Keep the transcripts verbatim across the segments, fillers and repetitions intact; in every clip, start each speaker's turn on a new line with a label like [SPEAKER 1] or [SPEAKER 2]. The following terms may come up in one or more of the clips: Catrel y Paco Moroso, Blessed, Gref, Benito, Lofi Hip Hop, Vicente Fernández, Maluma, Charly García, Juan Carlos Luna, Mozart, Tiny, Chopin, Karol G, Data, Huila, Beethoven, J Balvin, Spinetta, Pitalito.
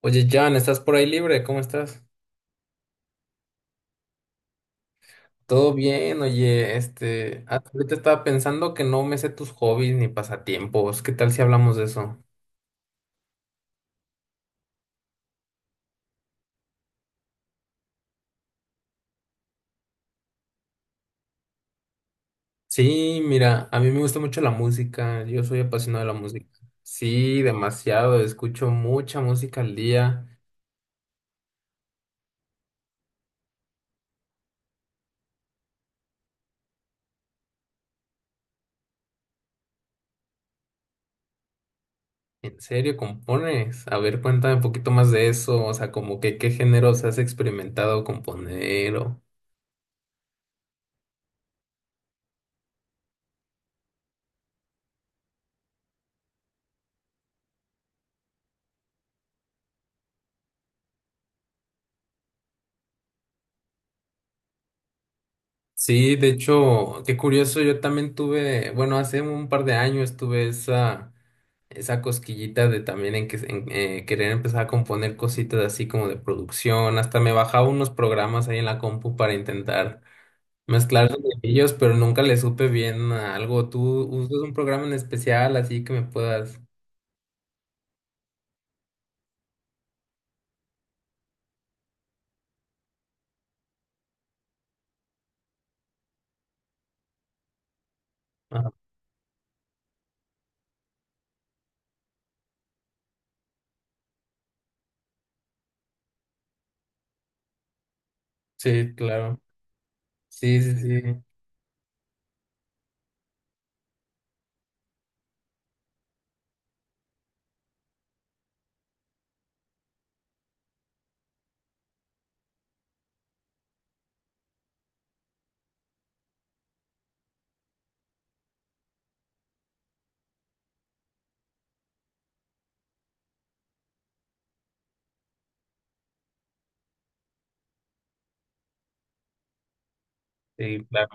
[SPEAKER 1] Oye, Jan, ¿estás por ahí libre? ¿Cómo estás? Todo bien, oye, este, ah, ahorita estaba pensando que no me sé tus hobbies ni pasatiempos. ¿Qué tal si hablamos de eso? Sí, mira, a mí me gusta mucho la música. Yo soy apasionado de la música. Sí, demasiado. Escucho mucha música al día. ¿En serio compones? A ver, cuéntame un poquito más de eso. O sea, como que qué géneros has experimentado componer o... Sí, de hecho, qué curioso, yo también tuve, bueno, hace un par de años tuve esa esa cosquillita de también en, que, en, eh, querer empezar a componer cositas así como de producción, hasta me bajaba unos programas ahí en la compu para intentar mezclar ellos, pero nunca le supe bien a algo. ¿Tú usas un programa en especial así que me puedas? Ajá. Sí, claro. Sí, sí, sí. Sí, claro.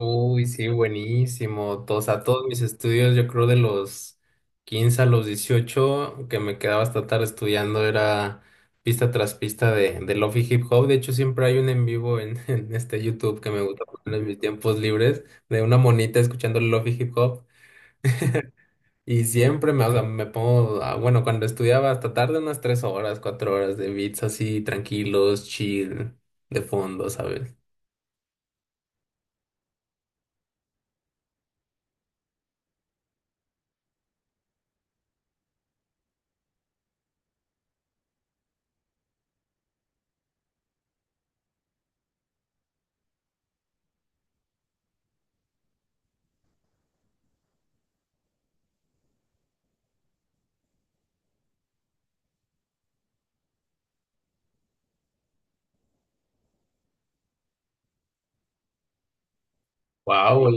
[SPEAKER 1] Uy, sí, buenísimo. To- O sea, todos mis estudios, yo creo, de los quince a los dieciocho, que me quedaba hasta tarde estudiando, era pista tras pista de, de Lofi Hip Hop. De hecho, siempre hay un en vivo en, en este YouTube que me gusta poner en mis tiempos libres, de una monita escuchando Lofi Hip Hop. Y siempre me, o sea, me pongo, a- Bueno, cuando estudiaba hasta tarde, unas tres horas, cuatro horas de beats así, tranquilos, chill, de fondo, ¿sabes? Wow.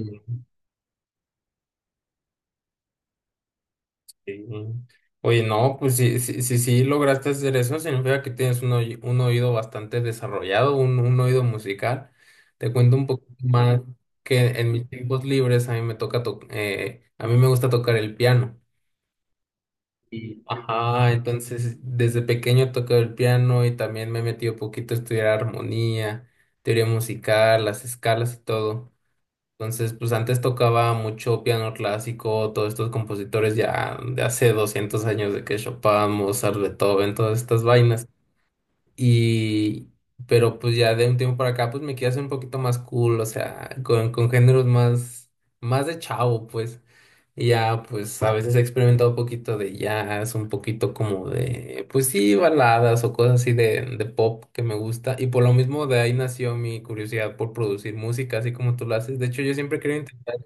[SPEAKER 1] Sí. Oye, no, pues si, si, si, si lograste hacer eso, significa que tienes un, oy- un oído bastante desarrollado, un, un oído musical. Te cuento un poco más que en mis tiempos libres a mí me toca to- eh, a mí me gusta tocar el piano. Y, ajá, entonces desde pequeño tocaba el piano y también me metí un poquito a estudiar armonía, teoría musical, las escalas y todo. Entonces, pues antes tocaba mucho piano clásico, todos estos compositores ya de hace doscientos años, de que Chopin, Mozart, Beethoven, todas estas vainas. Y pero pues ya de un tiempo para acá, pues me quiero hacer un poquito más cool, o sea, con, con géneros más, más de chavo, pues. Y ya, pues a veces he experimentado un poquito de jazz, un poquito como de, pues sí, baladas o cosas así de, de pop que me gusta. Y por lo mismo de ahí nació mi curiosidad por producir música, así como tú lo haces. De hecho, yo siempre quería intentar.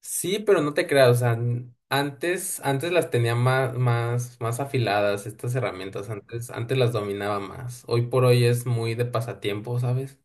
[SPEAKER 1] Sí, pero no te creas, o sea, n- antes, antes las tenía más, más, más afiladas estas herramientas, antes, antes las dominaba más. Hoy por hoy es muy de pasatiempo, ¿sabes?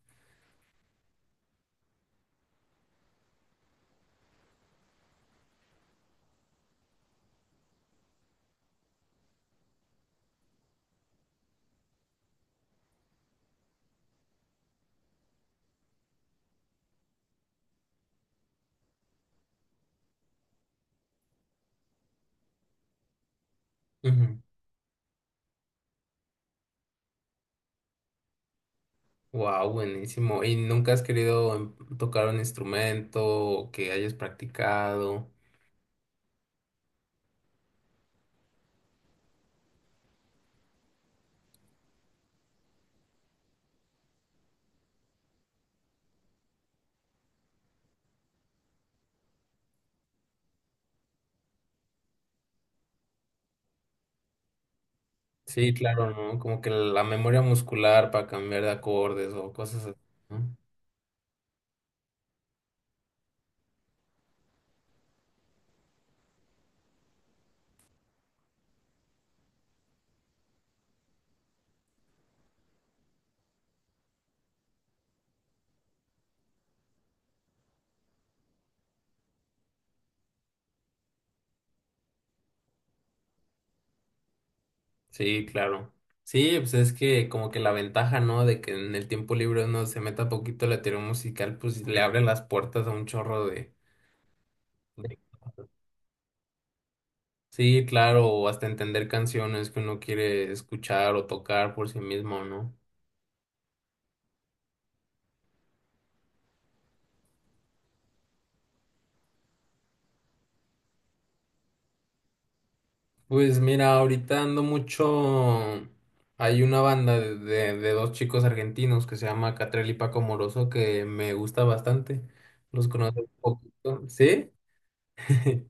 [SPEAKER 1] Wow, buenísimo. ¿Y nunca has querido em- tocar un instrumento o que hayas practicado? Sí, claro, ¿no? Como que la memoria muscular para cambiar de acordes o cosas así, ¿no? Sí, claro. Sí, pues es que como que la ventaja, ¿no? De que en el tiempo libre uno se meta poquito a la teoría musical, pues le abre las puertas a un chorro de... de- Sí, claro, o hasta entender canciones que uno quiere escuchar o tocar por sí mismo, ¿no? Pues mira, ahorita ando mucho... Hay una banda de, de- de dos chicos argentinos que se llama Catrel y Paco Moroso que me gusta bastante. Los conozco un poquito, ¿sí?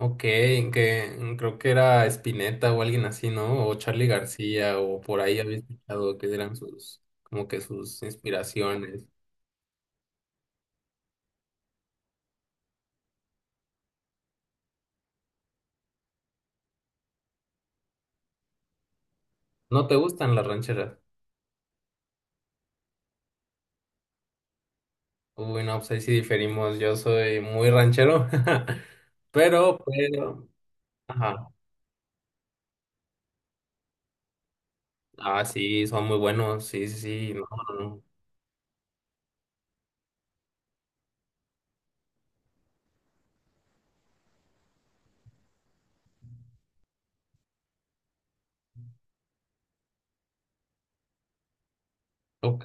[SPEAKER 1] Ok, que creo que era Spinetta o alguien así, ¿no? O Charly García, o por ahí había escuchado que eran sus, como que sus inspiraciones. ¿No te gustan las rancheras? Uy, no, pues ahí sí diferimos. Yo soy muy ranchero, pero, pero, ajá. Ah, sí, son muy buenos, sí, sí, sí, no, no, no. Ok.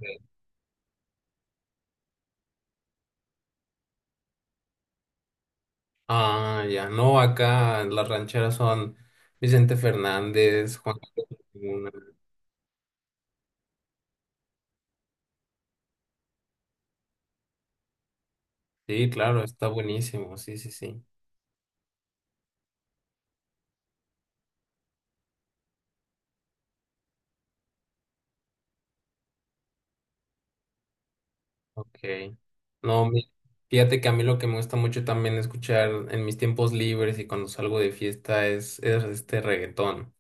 [SPEAKER 1] Ah, ya, no, acá las rancheras son Vicente Fernández, Juan Carlos Luna. Sí, claro, está buenísimo, sí, sí, sí. Ok. No, mi- fíjate que a mí lo que me gusta mucho también escuchar en mis tiempos libres y cuando salgo de fiesta es, es este reggaetón.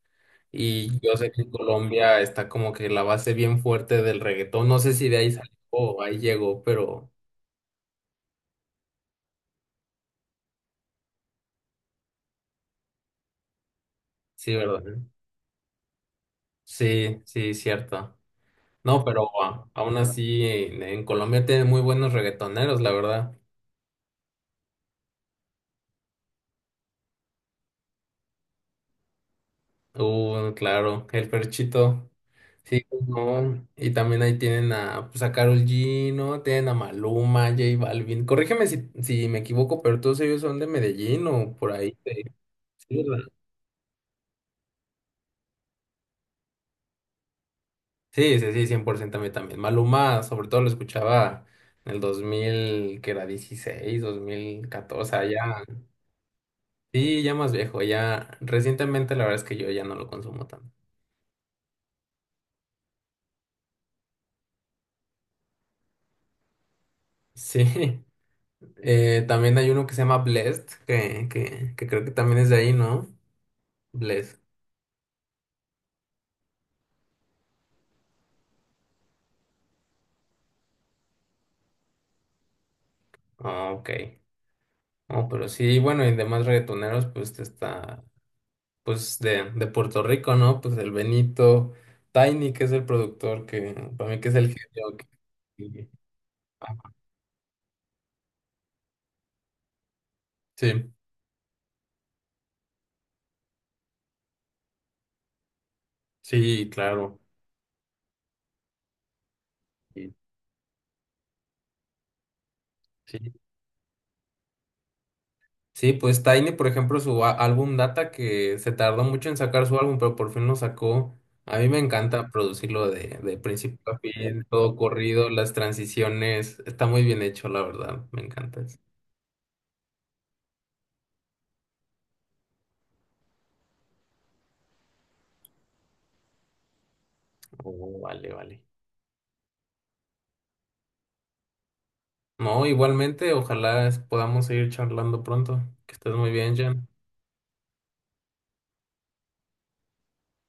[SPEAKER 1] Y yo sé que en Colombia está como que la base bien fuerte del reggaetón. No sé si de ahí salió o ahí llegó, pero sí, ¿verdad? Sí, sí, cierto. No, pero a- aún así en, en Colombia tiene muy buenos reggaetoneros, la verdad. Uh, claro, el perchito. Sí, pues, no. Y también ahí tienen a, pues, a Karol G, ¿no? Tienen a Maluma, J Balvin. Corrígeme si, si me equivoco, pero todos ellos son de Medellín o por ahí. De- Sí, ¿verdad? Sí, sí, sí, cien por ciento a mí también. Maluma, sobre todo, lo escuchaba en el dos mil, que era dieciséis, dos mil catorce, ya. Sí, ya más viejo, ya. Recientemente, la verdad es que yo ya no lo consumo tanto. Sí. Eh, también hay uno que se llama Blessed, que, que, que creo que también es de ahí, ¿no? Blessed. Ah, ok. Oh, pero sí, bueno, y demás reggaetoneros, pues está, pues de, de Puerto Rico, ¿no? Pues el Benito, Tiny, que es el productor, que para mí que es el genio. Que- Y- Sí, sí, claro. Y- Sí, sí, pues Tiny, por ejemplo, su a- álbum Data, que se tardó mucho en sacar su álbum, pero por fin lo sacó. A mí me encanta producirlo de, de principio a fin, todo corrido, las transiciones, está muy bien hecho, la verdad, me encanta eso. Oh, vale, vale. No, igualmente, ojalá es- podamos seguir charlando pronto. Que estés muy bien, Jan.